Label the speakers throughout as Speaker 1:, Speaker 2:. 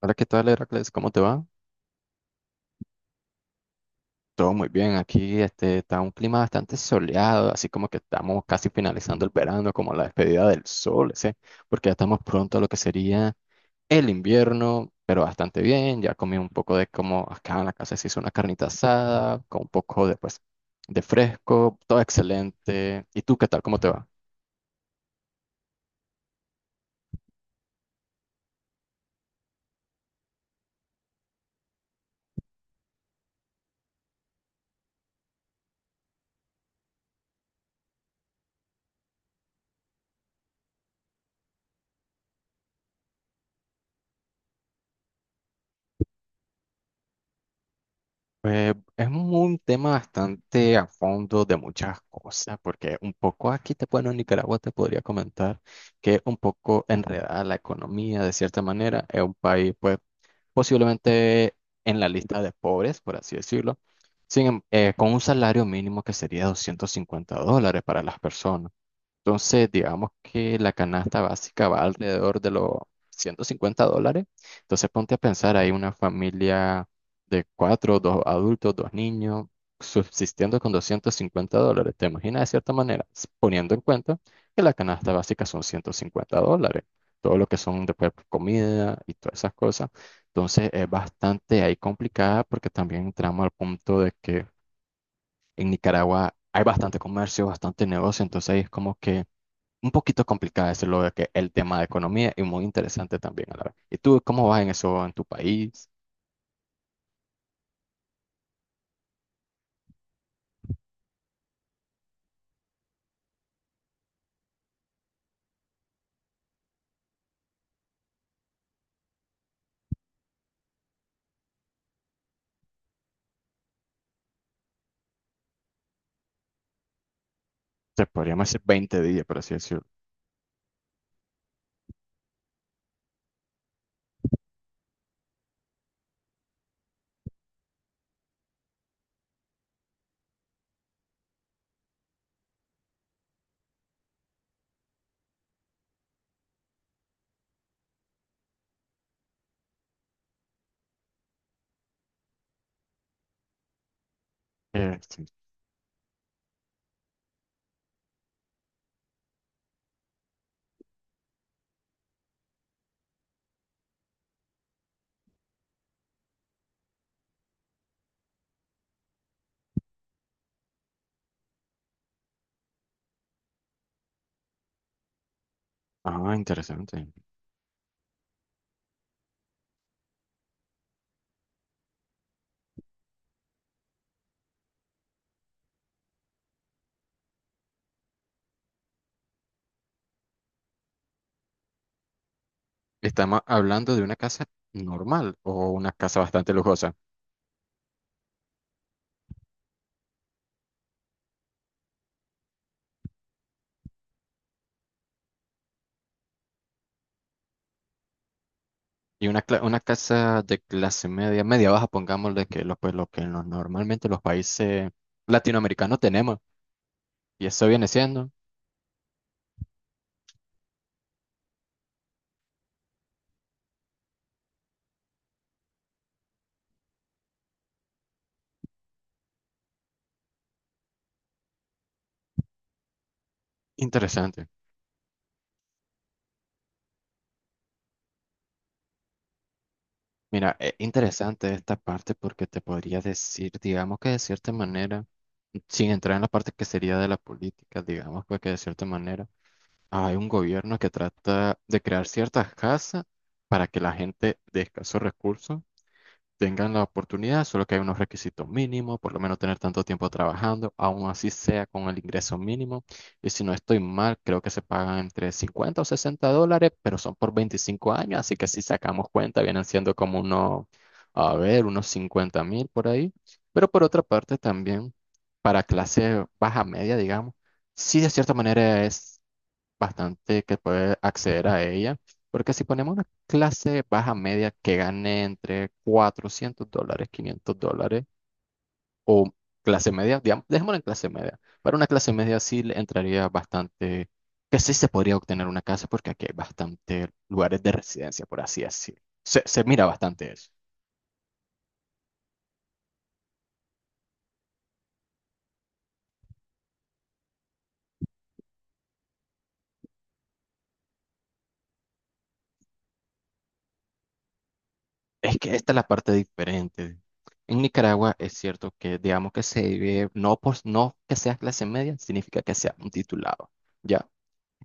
Speaker 1: Hola, ¿qué tal, Heracles? ¿Cómo te va? Todo muy bien. Aquí está un clima bastante soleado, así como que estamos casi finalizando el verano, como la despedida del sol, ¿sí? Porque ya estamos pronto a lo que sería el invierno, pero bastante bien. Ya comí un poco de como acá en la casa se hizo una carnita asada, con un poco de, pues, de fresco, todo excelente. ¿Y tú qué tal? ¿Cómo te va? Es un tema bastante a fondo de muchas cosas, porque un poco aquí te, bueno, en Nicaragua te podría comentar que es un poco enredada la economía de cierta manera. Es un país, pues, posiblemente en la lista de pobres, por así decirlo, sin, em- con un salario mínimo que sería $250 para las personas. Entonces, digamos que la canasta básica va alrededor de los $150. Entonces, ponte a pensar, hay una familia de cuatro, dos adultos, dos niños, subsistiendo con $250. ¿Te imaginas de cierta manera? Poniendo en cuenta que la canasta básica son $150. Todo lo que son después comida y todas esas cosas. Entonces, es bastante ahí complicada porque también entramos al punto de que en Nicaragua hay bastante comercio, bastante negocio. Entonces, ahí es como que un poquito complicado es lo de que el tema de economía y muy interesante también a la vez. ¿Y tú cómo vas en eso en tu país? Se podríamos decir 20 días, por así decirlo. Sí. Ah, interesante. Estamos hablando de una casa normal o una casa bastante lujosa y una, una casa de clase media, media baja, pongámosle que lo, pues, lo que normalmente los países latinoamericanos tenemos y eso viene siendo interesante. Mira, es interesante esta parte porque te podría decir, digamos que de cierta manera, sin entrar en la parte que sería de la política, digamos pues que de cierta manera hay un gobierno que trata de crear ciertas casas para que la gente de escasos recursos tengan la oportunidad, solo que hay unos requisitos mínimos, por lo menos tener tanto tiempo trabajando, aún así sea con el ingreso mínimo. Y si no estoy mal, creo que se pagan entre $50 o $60, pero son por 25 años, así que si sacamos cuenta, vienen siendo como unos, a ver, unos 50.000 por ahí. Pero por otra parte, también para clase baja media, digamos, sí de cierta manera es bastante que puede acceder a ella, porque si ponemos una clase baja media que gane entre $400, $500, o clase media, digamos, dejémoslo en clase media, para una clase media sí le entraría bastante, que sí se podría obtener una casa, porque aquí hay bastante lugares de residencia, por así decirlo. Se mira bastante eso. Es que esta es la parte diferente. En Nicaragua es cierto que digamos que se vive, no, por, no que seas clase media, significa que seas un titulado. ¿Ya?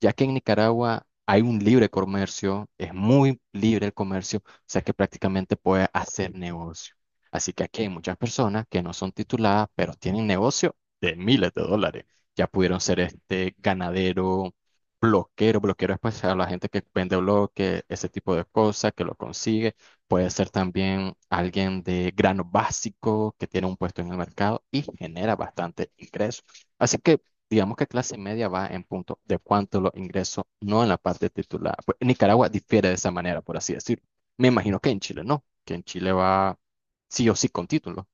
Speaker 1: Ya que en Nicaragua hay un libre comercio, es muy libre el comercio, o sea que prácticamente puede hacer negocio. Así que aquí hay muchas personas que no son tituladas, pero tienen negocio de miles de dólares. Ya pudieron ser este ganadero, bloquero, es pues a la gente que vende bloque ese tipo de cosas, que lo consigue. Puede ser también alguien de grano básico que tiene un puesto en el mercado y genera bastante ingreso. Así que digamos que clase media va en punto de cuánto los ingresos, no en la parte titular. Pues, en Nicaragua difiere de esa manera, por así decirlo. Me imagino que en Chile no, que en Chile va sí o sí con título.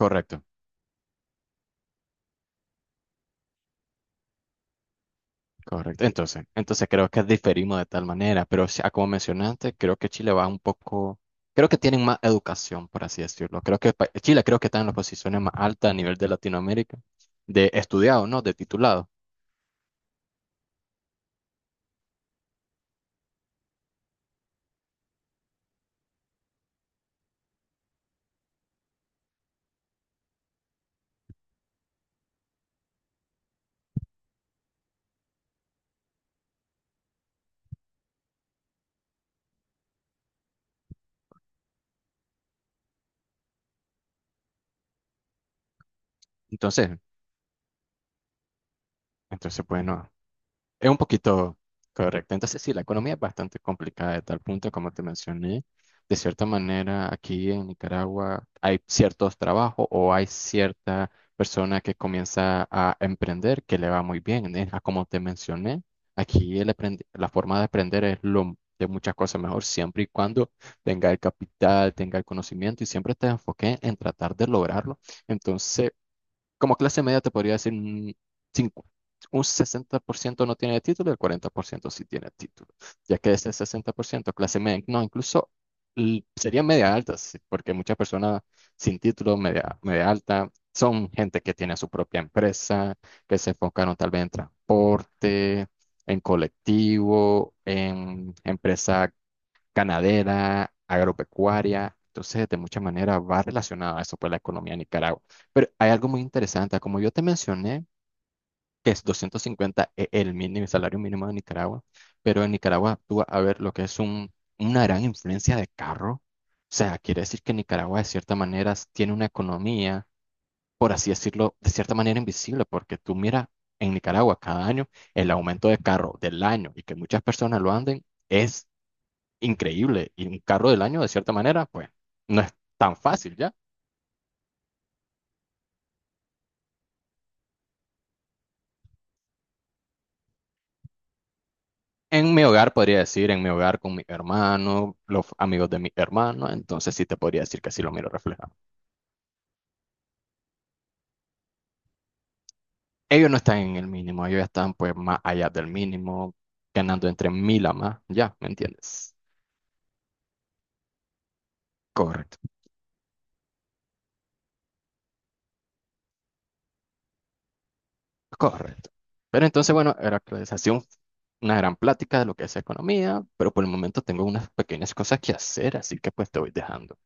Speaker 1: Correcto, correcto. Entonces, creo que diferimos de tal manera, pero sí, ah, como mencionaste, creo que Chile va un poco, creo que tienen más educación, por así decirlo. Creo que Chile creo que está en las posiciones más altas a nivel de Latinoamérica, de estudiado, ¿no? De titulado. Entonces, entonces, bueno. Es un poquito correcto. Entonces, sí, la economía es bastante complicada de tal punto, como te mencioné. De cierta manera, aquí en Nicaragua hay ciertos trabajos o hay cierta persona que comienza a emprender que le va muy bien. ¿Eh? Ah, como te mencioné, aquí el la forma de aprender es lo de muchas cosas mejor, siempre y cuando tenga el capital, tenga el conocimiento y siempre te enfoque en tratar de lograrlo. Entonces, como clase media te podría decir un, cincu- un 60% no tiene título y el 40% sí tiene título, ya que ese 60% clase media, no, incluso sería media alta, sí, porque muchas personas sin título, media alta, son gente que tiene su propia empresa, que se enfocaron tal vez en transporte, en colectivo, en empresas ganadera, agropecuaria. Entonces, de muchas maneras va relacionado a eso, pues, la economía de Nicaragua. Pero hay algo muy interesante. Como yo te mencioné, que es 250 el mínimo, el salario mínimo de Nicaragua, pero en Nicaragua tú vas a ver lo que es un, una gran influencia de carro. O sea, quiere decir que Nicaragua, de cierta manera, tiene una economía, por así decirlo, de cierta manera invisible, porque tú miras en Nicaragua cada año el aumento de carro del año y que muchas personas lo anden. Es increíble y un carro del año, de cierta manera, pues no es tan fácil ya. En mi hogar podría decir, en mi hogar con mi hermano, los amigos de mi hermano, entonces sí te podría decir que sí lo miro reflejado. Ellos no están en el mínimo, ellos están pues más allá del mínimo, ganando entre 1.000 a más, ya, ¿me entiendes? Correcto, correcto. Pero entonces, bueno, era actualización, una gran plática de lo que es economía, pero por el momento tengo unas pequeñas cosas que hacer, así que pues te voy dejando.